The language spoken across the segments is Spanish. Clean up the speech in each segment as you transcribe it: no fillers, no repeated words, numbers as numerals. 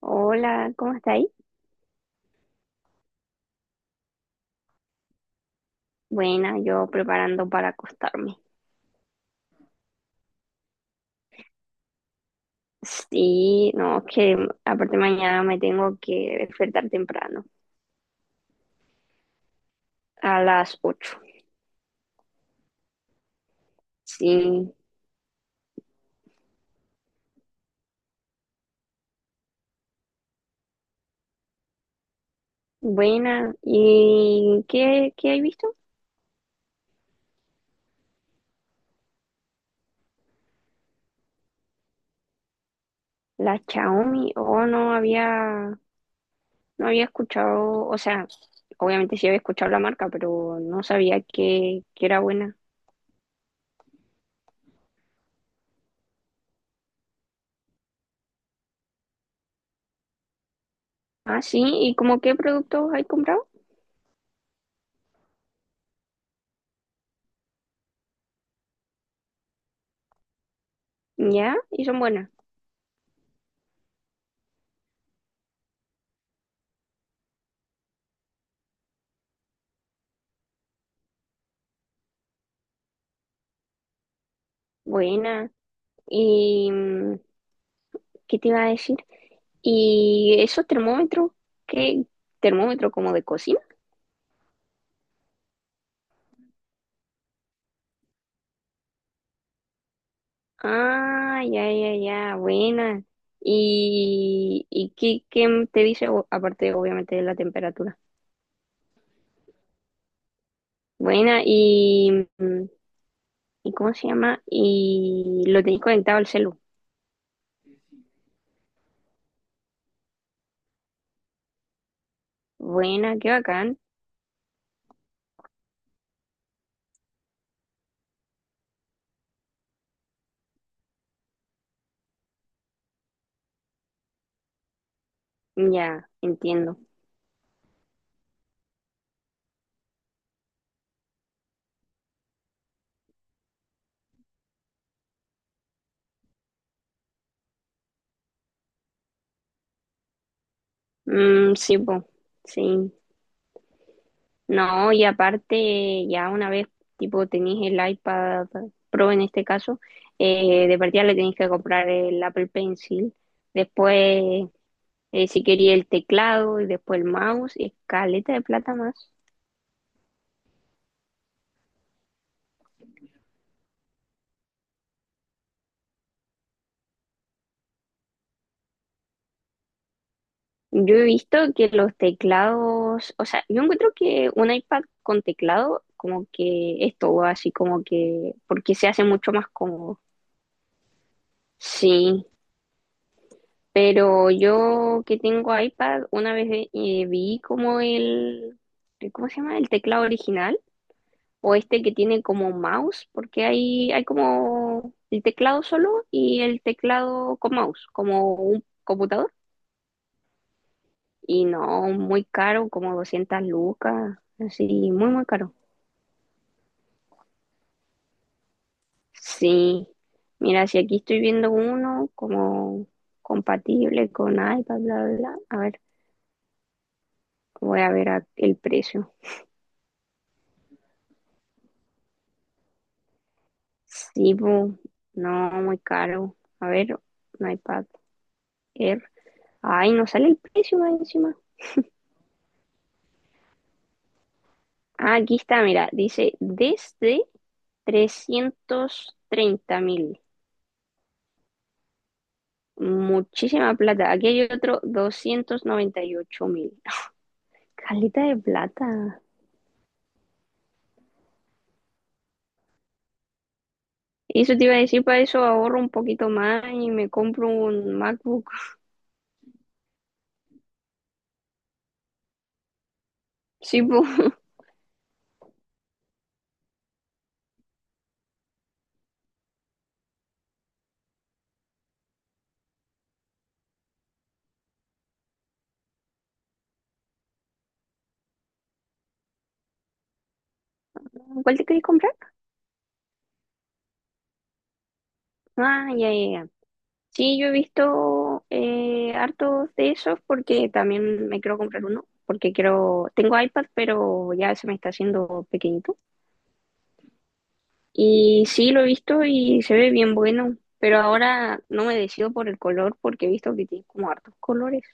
Hola, ¿cómo estáis? Buena, yo preparando para acostarme. Sí, no, es que aparte mañana me tengo que despertar temprano, a las 8. Sí, buena. ¿Y qué hay visto? La Xiaomi, oh, no había escuchado, o sea, obviamente sí había escuchado la marca, pero no sabía que era buena. Ah, sí, ¿y como qué productos hay comprado? Ya, y son buenas. Buena. ¿Y qué te iba a decir? ¿Y eso termómetro? ¿Qué termómetro como de cocina? Ah, ya, ya, ya, buena. Y qué te dice aparte obviamente de la temperatura? Buena, y, ¿y cómo se llama? Y lo tenés conectado al celu. Buena, qué bacán. Ya, entiendo. Mm, sí, po, sí. No, y aparte, ya una vez, tipo, tenéis el iPad Pro en este caso, de partida le tenéis que comprar el Apple Pencil, después, si quería el teclado y después el mouse, y caleta de plata más. Yo he visto que los teclados, o sea, yo encuentro que un iPad con teclado, como que es todo así, como que, porque se hace mucho más cómodo. Sí, pero yo que tengo iPad, una vez vi como ¿cómo se llama? El teclado original o este que tiene como mouse, porque hay como el teclado solo y el teclado con mouse, como un computador. Y no, muy caro, como 200 lucas, así, muy caro. Sí, mira, si aquí estoy viendo uno como compatible con iPad, bla, bla, bla. A ver, voy a ver el precio. Sí, bu, no, muy caro. A ver, un iPad Air. Ay, no sale el precio más encima. Ah, aquí está, mira, dice desde 330.000. Muchísima plata. Aquí hay otro 298.000. Calita de plata. Eso te iba a decir, para eso ahorro un poquito más y me compro un MacBook. Sí, bu. ¿Cuál te querés comprar? Ah, ya, ya, ya. Sí, yo he visto hartos de esos porque también me quiero comprar uno, porque quiero, tengo iPad, pero ya se me está haciendo pequeñito. Y sí, lo he visto y se ve bien bueno, pero ahora no me decido por el color porque he visto que tiene como hartos colores.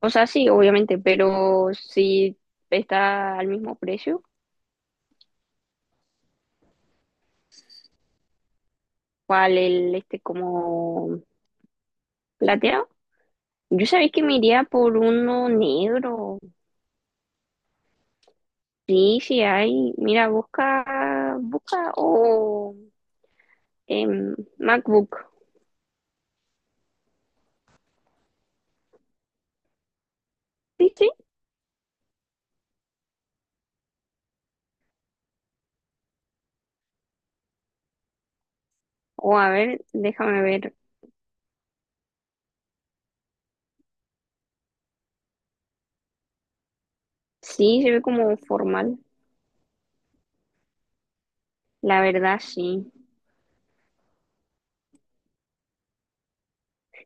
O sea, sí, obviamente, pero si está al mismo precio, ¿cuál el este como plateado? Yo sabéis que me iría por uno negro. Sí, sí hay. Mira, busca o MacBook. Sí, sí. O a ver, déjame ver. Sí, se ve como formal. La verdad, sí.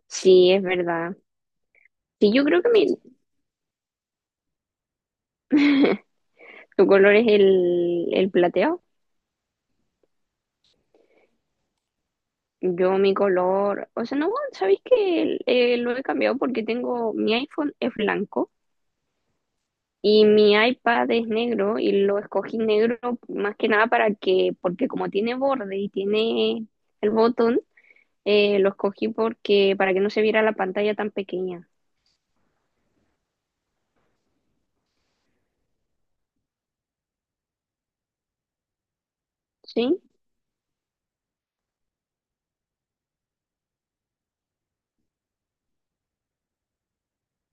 Sí, es verdad. Sí, yo creo que tu color es el plateado. Yo mi color, o sea, no, ¿sabéis que lo he cambiado porque tengo, mi iPhone es blanco? Y mi iPad es negro y lo escogí negro más que nada para que, porque como tiene borde y tiene el botón, lo escogí porque para que no se viera la pantalla tan pequeña. ¿Sí?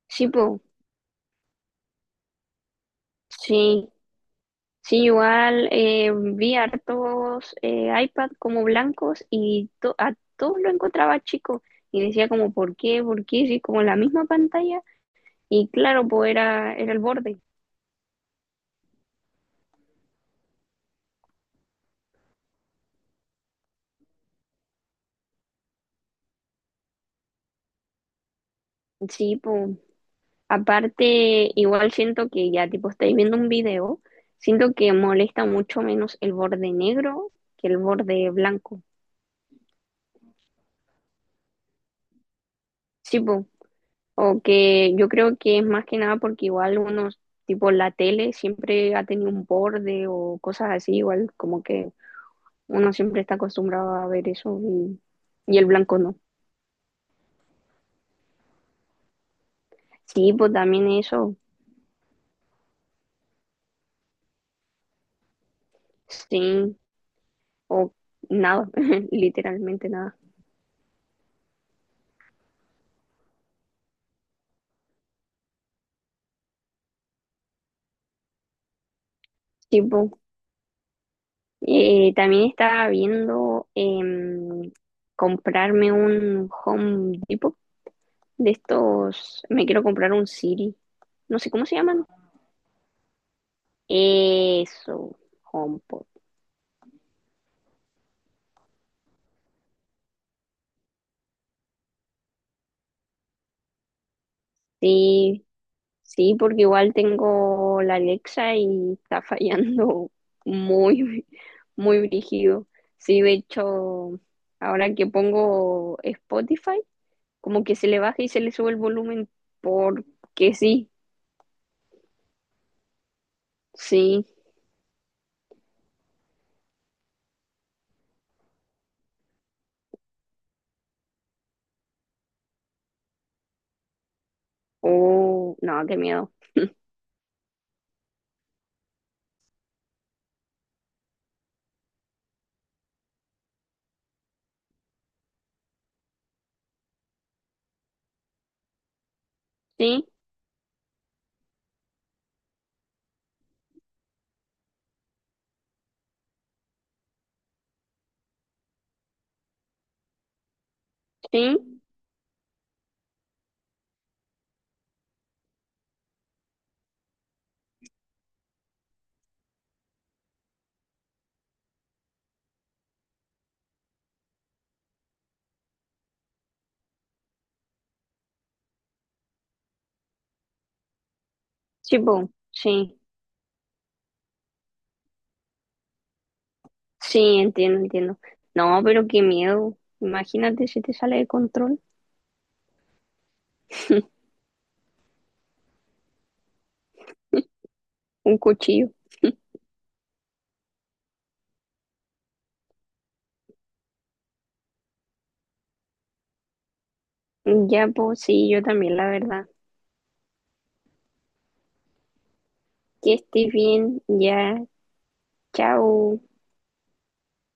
Sí, po. Sí. Sí, igual vi hartos iPad como blancos y a todos lo encontraba chico y decía como, ¿por qué? ¿Por qué? Sí, como la misma pantalla y claro, pues era el borde. Sí, po. Aparte, igual siento que ya tipo estáis viendo un video, siento que molesta mucho menos el borde negro que el borde blanco. Sí, po. O que yo creo que es más que nada porque igual unos, tipo la tele siempre ha tenido un borde o cosas así, igual como que uno siempre está acostumbrado a ver eso y el blanco no. Sí, pues también eso, sí, o nada, literalmente nada. Sí, po. También estaba viendo comprarme un Home Depot de estos. Me quiero comprar un Siri. No sé cómo se llaman. Eso, HomePod. Sí, sí, porque igual tengo la Alexa y está fallando muy, muy brígido. Sí, de hecho, ahora que pongo Spotify, como que se le baja y se le sube el volumen porque sí. Sí, oh, no, qué miedo. Sí, sí, sí, po, sí, sí, entiendo, entiendo. No, pero qué miedo. Imagínate si te sale de control un cuchillo. Ya, pues sí, yo también, la verdad. Que estés bien, ya, chao.